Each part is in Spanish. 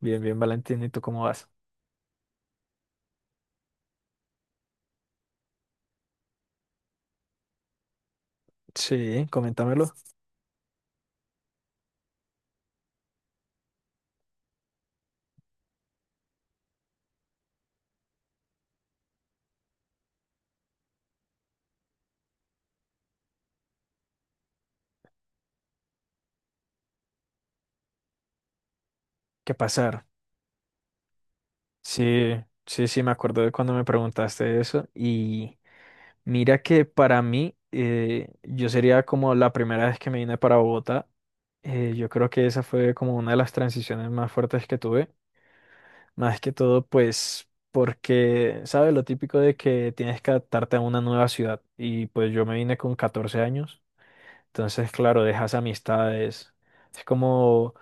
Bien, bien, Valentín, ¿y tú cómo vas? Sí, coméntamelo. ¿Qué pasar? Sí, sí, sí, me acuerdo de cuando me preguntaste eso. Y mira que para mí, yo sería como la primera vez que me vine para Bogotá. Eh, yo creo que esa fue como una de las transiciones más fuertes que tuve. Más que todo, pues, porque, ¿sabes? Lo típico de que tienes que adaptarte a una nueva ciudad. Y pues yo me vine con 14 años. Entonces, claro, dejas amistades. Es como.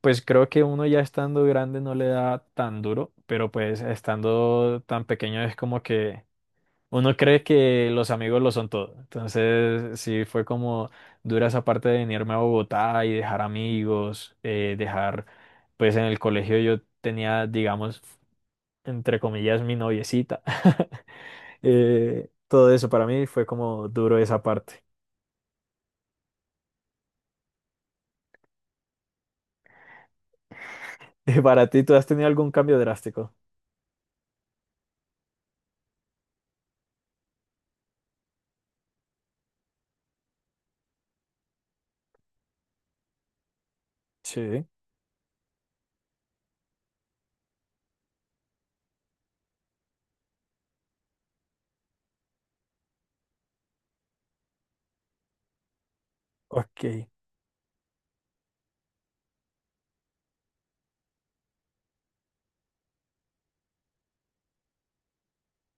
Pues creo que uno ya estando grande no le da tan duro, pero pues estando tan pequeño es como que uno cree que los amigos lo son todo. Entonces sí fue como dura esa parte de venirme a Bogotá y dejar amigos, dejar, pues en el colegio yo tenía, digamos, entre comillas, mi noviecita. Todo eso para mí fue como duro esa parte. ¿Para ti tú has tenido algún cambio drástico? Sí, ok,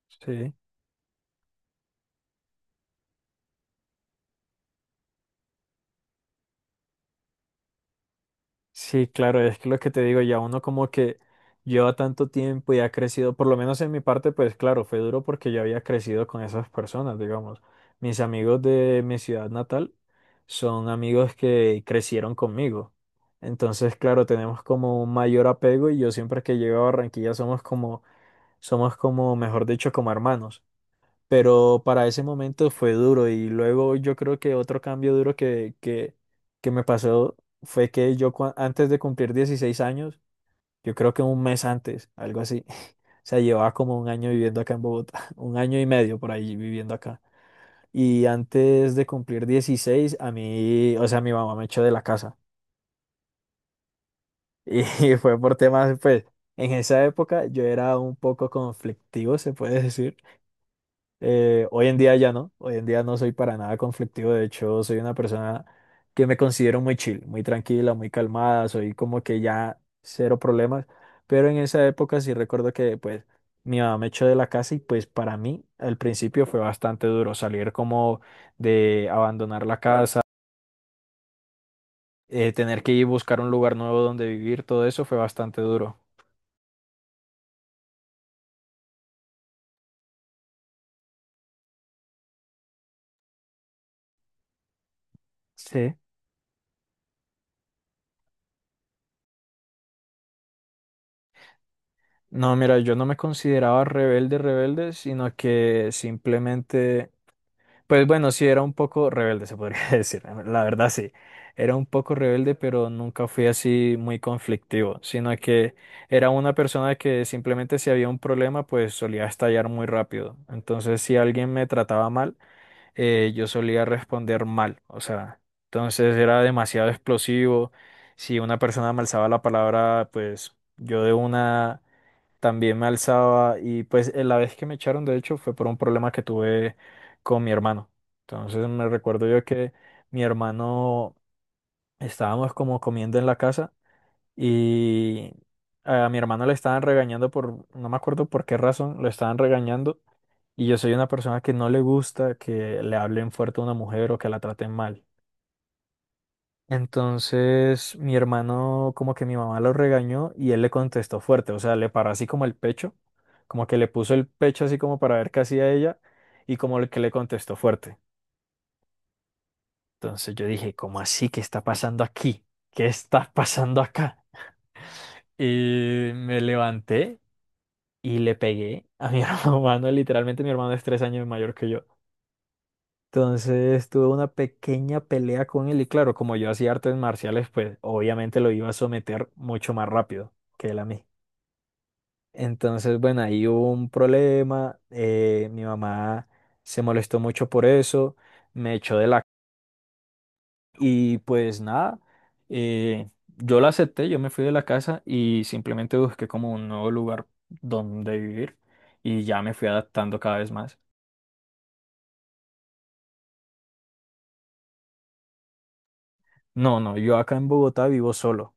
sí. Sí, claro, es que lo que te digo, ya uno como que lleva tanto tiempo y ha crecido, por lo menos en mi parte, pues claro, fue duro porque yo había crecido con esas personas, digamos. Mis amigos de mi ciudad natal son amigos que crecieron conmigo. Entonces, claro, tenemos como un mayor apego y yo siempre que llego a Barranquilla somos como, mejor dicho, como hermanos. Pero para ese momento fue duro y luego yo creo que otro cambio duro que me pasó fue que yo antes de cumplir 16 años, yo creo que un mes antes, algo así, o sea, llevaba como un año viviendo acá en Bogotá, un año y medio por ahí viviendo acá. Y antes de cumplir 16 a mí, o sea, mi mamá me echó de la casa y fue por temas, pues, en esa época yo era un poco conflictivo, se puede decir. Hoy en día ya no, hoy en día no soy para nada conflictivo. De hecho, soy una persona que me considero muy chill, muy tranquila, muy calmada, soy como que ya cero problemas, pero en esa época sí recuerdo que pues mi mamá me echó de la casa y pues para mí al principio fue bastante duro salir como, de abandonar la casa, tener que ir a buscar un lugar nuevo donde vivir, todo eso fue bastante duro. Sí. No, mira, yo no me consideraba rebelde, rebelde, sino que simplemente... Pues bueno, sí, era un poco rebelde, se podría decir, ¿no? La verdad sí. Era un poco rebelde, pero nunca fui así muy conflictivo, sino que era una persona que simplemente si había un problema, pues solía estallar muy rápido. Entonces, si alguien me trataba mal, yo solía responder mal, o sea, entonces era demasiado explosivo. Si una persona me alzaba la palabra, pues yo de una también me alzaba. Y pues la vez que me echaron, de hecho, fue por un problema que tuve con mi hermano. Entonces me recuerdo yo que mi hermano, estábamos como comiendo en la casa y a mi hermano le estaban regañando por, no me acuerdo por qué razón, lo estaban regañando. Y yo soy una persona que no le gusta que le hablen fuerte a una mujer o que la traten mal. Entonces mi hermano, como que mi mamá lo regañó y él le contestó fuerte, o sea, le paró así como el pecho, como que le puso el pecho así como para ver qué hacía ella y como el que le contestó fuerte. Entonces yo dije, ¿cómo así? ¿Qué está pasando aquí? ¿Qué está pasando acá? Y me levanté y le pegué a mi hermano, literalmente mi hermano es 3 años mayor que yo. Entonces tuve una pequeña pelea con él y claro, como yo hacía artes marciales, pues obviamente lo iba a someter mucho más rápido que él a mí. Entonces, bueno, ahí hubo un problema, mi mamá se molestó mucho por eso, me echó de la... Y pues nada, eh, yo la acepté, yo me fui de la casa y simplemente busqué como un nuevo lugar donde vivir y ya me fui adaptando cada vez más. No, no, yo acá en Bogotá vivo solo.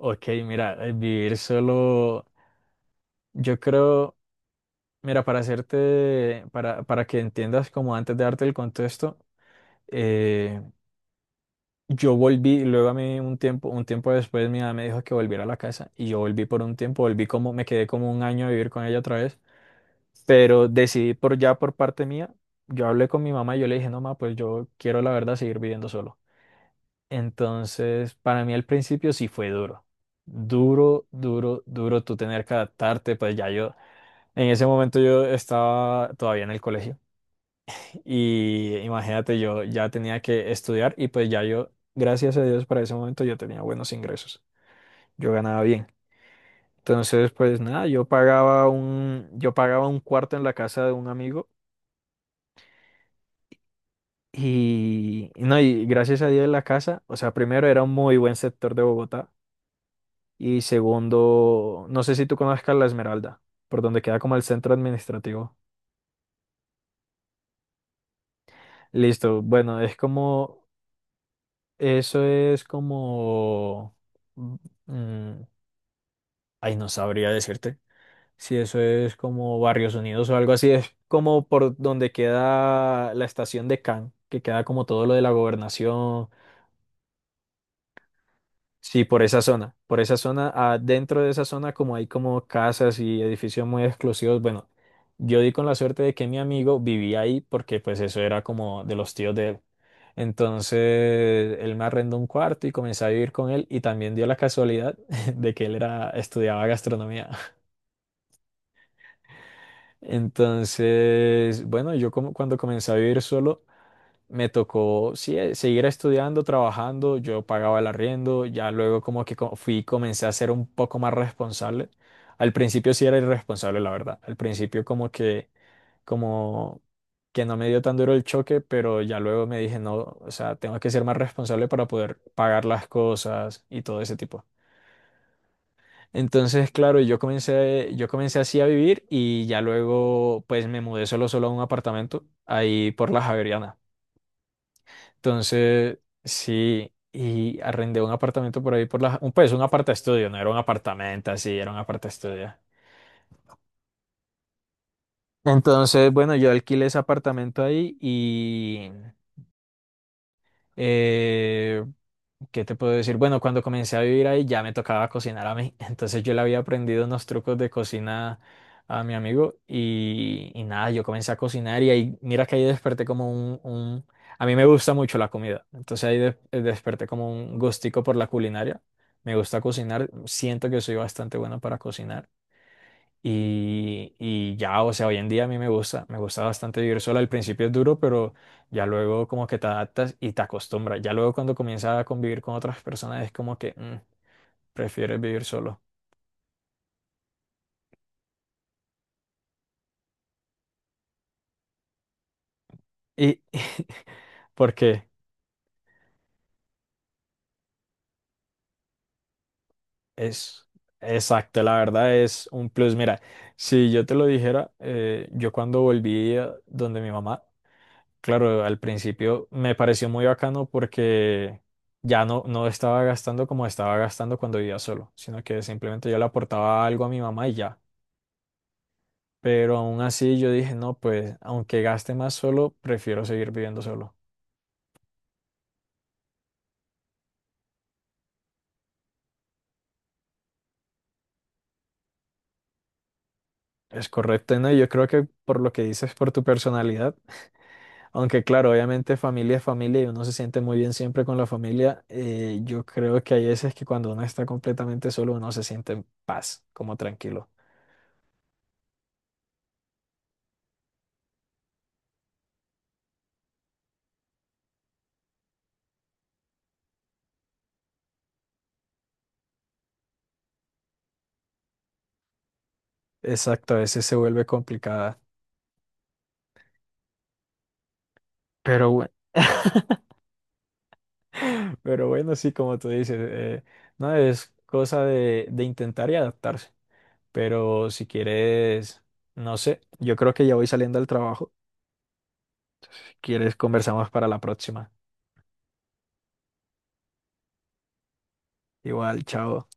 Ok, mira, vivir solo, yo creo, mira, para hacerte, para que entiendas como antes de darte el contexto, eh, yo volví, luego a mí un tiempo después mi mamá me dijo que volviera a la casa y yo volví por un tiempo, volví como, me quedé como un año a vivir con ella otra vez, pero decidí por ya por parte mía, yo hablé con mi mamá y yo le dije, no, mamá, pues yo quiero la verdad seguir viviendo solo. Entonces, para mí al principio sí fue duro. Duro, duro, duro tú tener que adaptarte, pues ya yo. En ese momento yo estaba todavía en el colegio y imagínate, yo ya tenía que estudiar y pues ya yo, gracias a Dios, para ese momento yo tenía buenos ingresos, yo ganaba bien. Entonces, pues nada, yo pagaba un cuarto en la casa de un amigo y no, y gracias a Dios la casa, o sea, primero era un muy buen sector de Bogotá y segundo, no sé si tú conozcas La Esmeralda, por donde queda como el centro administrativo. Listo, bueno, es como. Eso es como... mm, mm, ay, no sabría decirte. Si eso es como Barrios Unidos o algo así, es como por donde queda la estación de Can, que queda como todo lo de la gobernación. Sí, por esa zona, ah, dentro de esa zona como hay como casas y edificios muy exclusivos, bueno, yo di con la suerte de que mi amigo vivía ahí porque pues eso era como de los tíos de él. Entonces él me arrendó un cuarto y comencé a vivir con él y también dio la casualidad de que él era, estudiaba gastronomía. Entonces, bueno, yo como cuando comencé a vivir solo me tocó sí, seguir estudiando, trabajando, yo pagaba el arriendo, ya luego como que fui, comencé a ser un poco más responsable. Al principio sí era irresponsable, la verdad. Al principio como que no me dio tan duro el choque, pero ya luego me dije, no, o sea, tengo que ser más responsable para poder pagar las cosas y todo ese tipo. Entonces, claro, yo comencé así a vivir y ya luego pues me mudé solo solo a un apartamento ahí por la Javeriana. Entonces, sí, y arrendé un apartamento por ahí por la, un, pues un estudio, no era un apartamento así, era un estudio. Entonces, bueno, yo alquilé ese apartamento ahí y eh, ¿qué te puedo decir? Bueno, cuando comencé a vivir ahí ya me tocaba cocinar a mí, entonces yo le había aprendido unos trucos de cocina a mi amigo y nada, yo comencé a cocinar y ahí, mira que ahí desperté como a mí me gusta mucho la comida, entonces ahí desperté como un gustico por la culinaria, me gusta cocinar, siento que soy bastante bueno para cocinar. Y ya, o sea, hoy en día a mí me gusta bastante vivir sola. Al principio es duro, pero ya luego como que te adaptas y te acostumbras. Ya luego cuando comienzas a convivir con otras personas es como que prefieres vivir solo. Y porque es exacto, la verdad es un plus. Mira, si yo te lo dijera, yo cuando volví a donde mi mamá, claro, al principio me pareció muy bacano porque ya no, no estaba gastando como estaba gastando cuando vivía solo, sino que simplemente yo le aportaba algo a mi mamá y ya. Pero aún así yo dije, no, pues aunque gaste más solo, prefiero seguir viviendo solo. Es correcto, ¿no? Y yo creo que por lo que dices, por tu personalidad, aunque claro, obviamente familia es familia y uno se siente muy bien siempre con la familia, yo creo que hay veces que cuando uno está completamente solo, uno se siente en paz, como tranquilo. Exacto, a veces se vuelve complicada. Pero bueno, pero bueno, sí, como tú dices, no es cosa de, intentar y adaptarse. Pero si quieres, no sé, yo creo que ya voy saliendo al trabajo. Si quieres, conversamos para la próxima. Igual, chao.